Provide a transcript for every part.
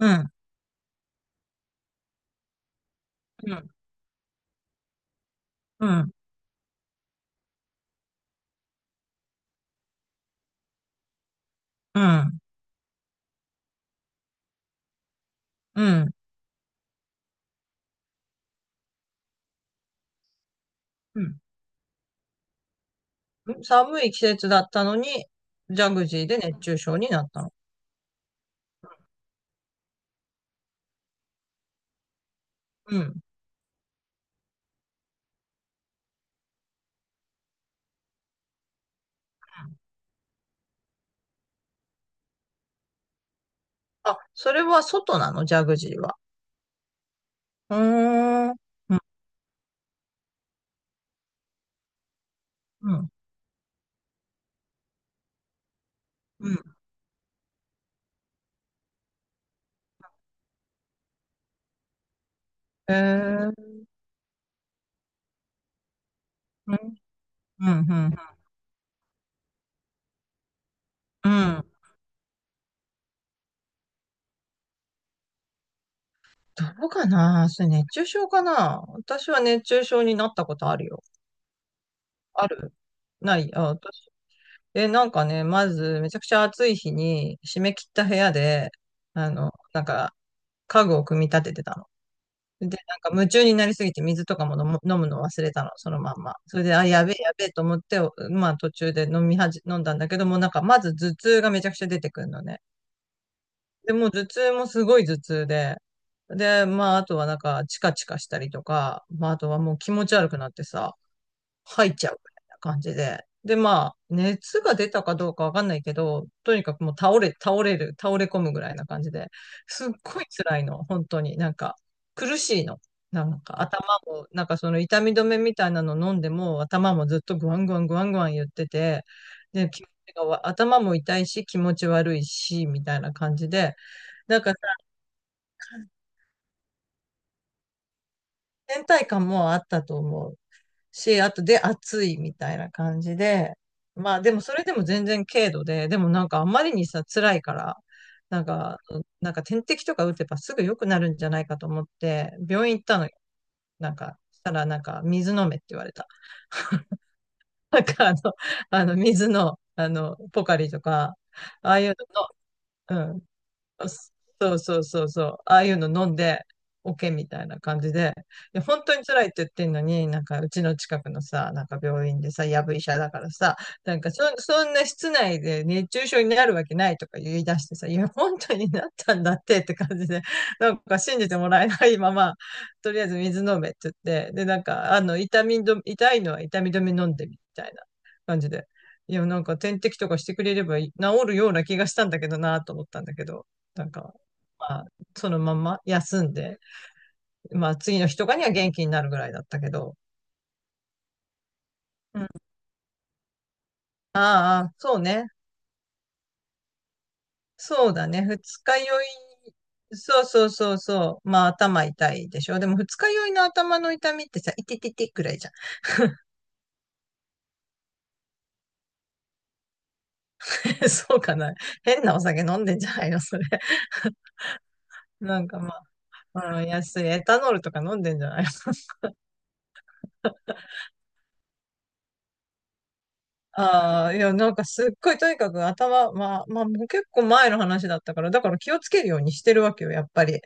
うん、うん、うん、うん、うん、うん。寒い季節だったのに、ジャグジーで熱中症になったの。うん。あ、それは外なの、ジャグジーは。うーん、うん、うん、うん。えー、うん、うん、うん。うん、どうかな。それ熱中症かな。私は熱中症になったことあるよ。ある、ない。あ、私。え、なんかね、まず、めちゃくちゃ暑い日に、締め切った部屋で、なんか、家具を組み立ててたの。で、なんか夢中になりすぎて水とかも飲むの忘れたの、そのまんま。それで、あ、やべえ、やべえと思って、お、まあ途中で飲みはじ、飲んだんだけども、なんかまず頭痛がめちゃくちゃ出てくるのね。で、もう頭痛もすごい頭痛で、で、まああとはなんかチカチカしたりとか、まああとはもう気持ち悪くなってさ、入っちゃうみたいな感じで。で、まあ、熱が出たかどうかわかんないけど、とにかくもう倒れ込むぐらいな感じで、すっごい辛いの、本当に。なんか、苦しいの。なんか、頭も、なんかその痛み止めみたいなの飲んでも、頭もずっとグワングワングワングワン言ってて、で、気持ちがわ頭も痛いし、気持ち悪いし、みたいな感じで、なんかさ、倦怠感もあったと思う。し、あとで暑いみたいな感じで、まあでもそれでも全然軽度で、でもなんかあんまりにさ、辛いから、なんか、なんか点滴とか打てばすぐ良くなるんじゃないかと思って、病院行ったのよ。なんか、したらなんか水飲めって言われた。なんかあの、あの水の、あの、ポカリとか、ああいうの、うん、あ、す、そうそうそうそう。ああいうの飲んで、オケみたいな感じで。いや、本当に辛いって言ってんのに、なんかうちの近くのさ、なんか病院でさ、やぶ医者だからさ、そんな室内で熱中症になるわけないとか言い出してさ、いや、本当になったんだってって感じで、なんか信じてもらえないまま、とりあえず水飲めって言って、で、なんか、あの、痛いのは痛み止め飲んでみたいな感じで。いや、なんか点滴とかしてくれればいい治るような気がしたんだけどなと思ったんだけど。なんか、まあ、そのまま休んで、まあ、次の日とかには元気になるぐらいだったけど、うん、ああ、そうね。そうだね。二日酔い、そうそうそうそう。まあ、頭痛いでしょ。でも、二日酔いの頭の痛みってさ、いてててくらいじゃん。そうかな。変なお酒飲んでんじゃないの、それ。なんかまあ、あの、安いエタノールとか飲んでんじゃない。ああ、いや、なんかすっごいとにかく頭、まあ、まあ、もう結構前の話だったから、だから気をつけるようにしてるわけよ、やっぱり。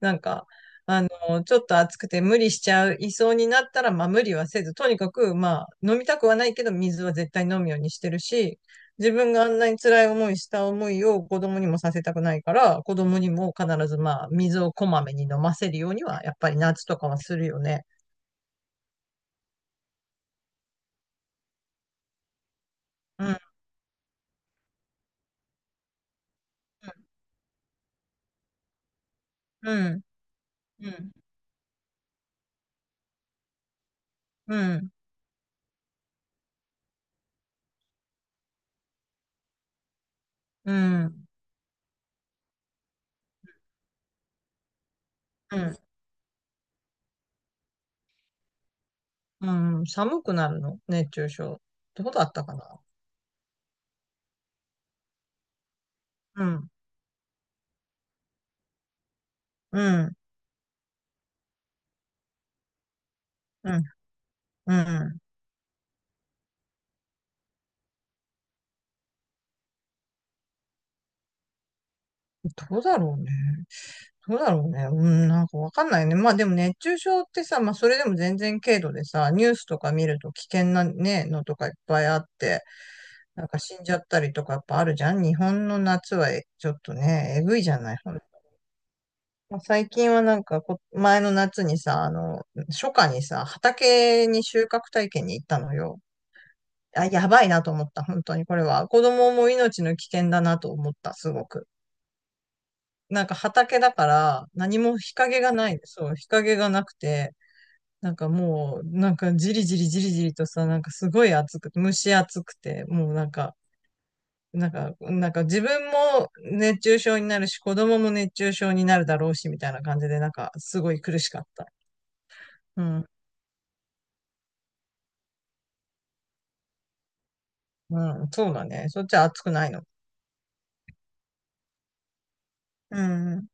なんか、あの、ちょっと暑くて無理しちゃう、いそうになったら、まあ無理はせず、とにかく、まあ、飲みたくはないけど、水は絶対飲むようにしてるし、自分があんなに辛い思いした思いを子供にもさせたくないから、子供にも必ずまあ、水をこまめに飲ませるようには、やっぱり夏とかはするよね。うん、うん、うん、うん、うん、うん。うん、寒くなるの熱中症。どうだったかな。うん、うん、うん、うん。どうだろうね。どうだろうね。うん、なんかわかんないね。まあでも熱中症ってさ、まあそれでも全然軽度でさ、ニュースとか見ると危険なね、のとかいっぱいあって、なんか死んじゃったりとかやっぱあるじゃん。日本の夏はえちょっとね、えぐいじゃない。ほん、まあ最近はなんかこ、前の夏にさ、あの、初夏にさ、畑に収穫体験に行ったのよ。あ、やばいなと思った、本当にこれは。子供も命の危険だなと思った、すごく。なんか畑だから、何も日陰がない、そう、日陰がなくて、なんかもう、なんかじりじりじりじりとさ、なんかすごい暑く、蒸し暑くて、もうなんか、なんか、なんか自分も熱中症になるし、子供も熱中症になるだろうし、みたいな感じで、なんかすごい苦しかった。うん。うん、そうだね。そっちは暑くないの。うん。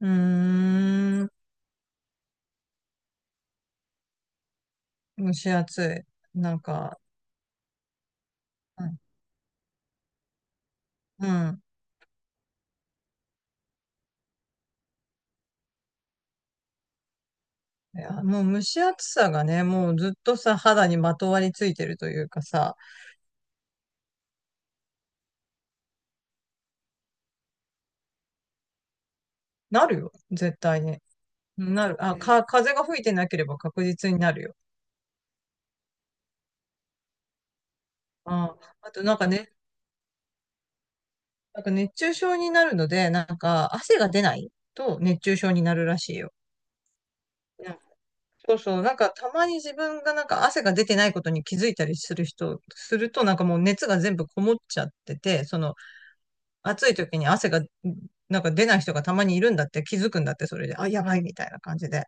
うーん。蒸し暑い。なんか、うん。いや、もう蒸し暑さがね、もうずっとさ、肌にまとわりついてるというかさ、なるよ、絶対に。なる。あ、か、風が吹いてなければ確実になるよ。あ、あとなんかね、なんか熱中症になるので、なんか汗が出ないと熱中症になるらしいよ。うん、そうそう。なんかたまに自分がなんか汗が出てないことに気づいたりする人、するとなんかもう熱が全部こもっちゃってて、その暑い時に汗が、なんか出ない人がたまにいるんだって気づくんだって、それで。あ、やばいみたいな感じで。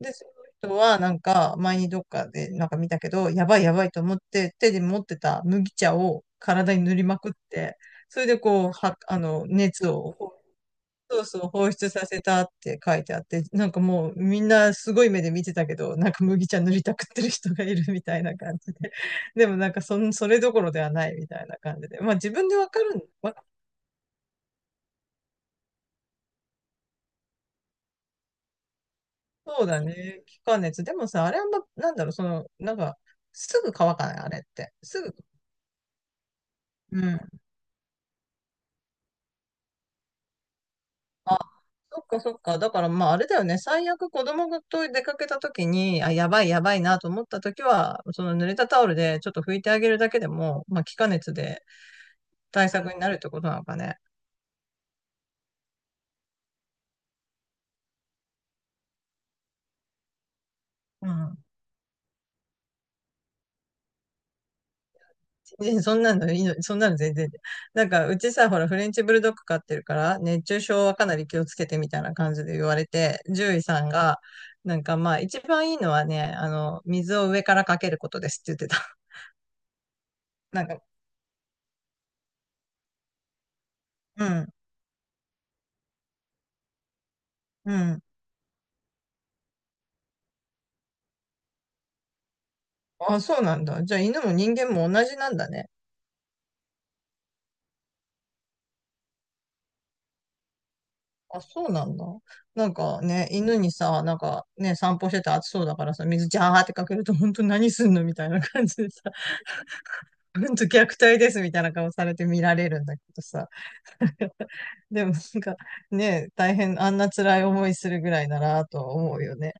で、その人はなんか前にどっかでなんか見たけど、やばいやばいと思って手で持ってた麦茶を体に塗りまくって、それでこう、は、あの、熱を、そうそう、放出させたって書いてあって、なんかもうみんなすごい目で見てたけど、なんか麦茶塗りたくってる人がいるみたいな感じで。でもなんかそれどころではないみたいな感じで。まあ自分でわかるん、わ、そうだね。気化熱。でもさ、あれはま、なんだろう、その、なんか、すぐ乾かない、あれって。すぐ。うん。あ、そっかそっか。だからまあ、あれだよね。最悪子供と出かけた時に、あ、やばいやばいなと思った時は、その濡れたタオルでちょっと拭いてあげるだけでも、まあ、気化熱で対策になるってことなのかね。うん。全然そんなのいいの、そんなの全然で。なんか、うちさ、ほら、フレンチブルドッグ飼ってるから、熱中症はかなり気をつけてみたいな感じで言われて、獣医さんが、なんかまあ、一番いいのはね、あの、水を上からかけることですって言ってた。なんか、うん、うん。あ、そうなんだ。じゃあ、犬も人間も同じなんだね。あ、そうなんだ。なんかね、犬にさ、なんかね、散歩してて暑そうだからさ、水ジャーってかけると、本当何すんのみたいな感じでさ、本んと虐待ですみたいな顔されて見られるんだけどさ。でもなんかね、大変、あんな辛い思いするぐらいならと思うよね。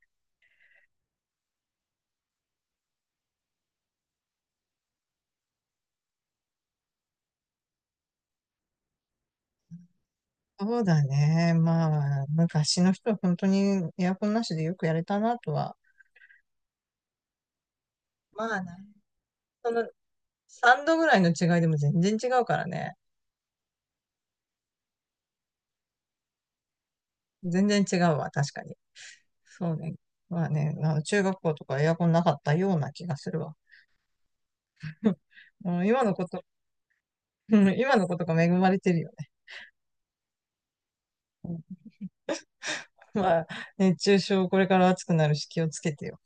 そうだね。まあ、昔の人は本当にエアコンなしでよくやれたなとは。まあね、その3度ぐらいの違いでも全然違うからね。全然違うわ、確かに。そうね。まあね、あの中学校とかエアコンなかったような気がするわ。うん今のこと、うん、今のことが恵まれてるよね。まあ、熱中症これから暑くなるし気をつけてよ。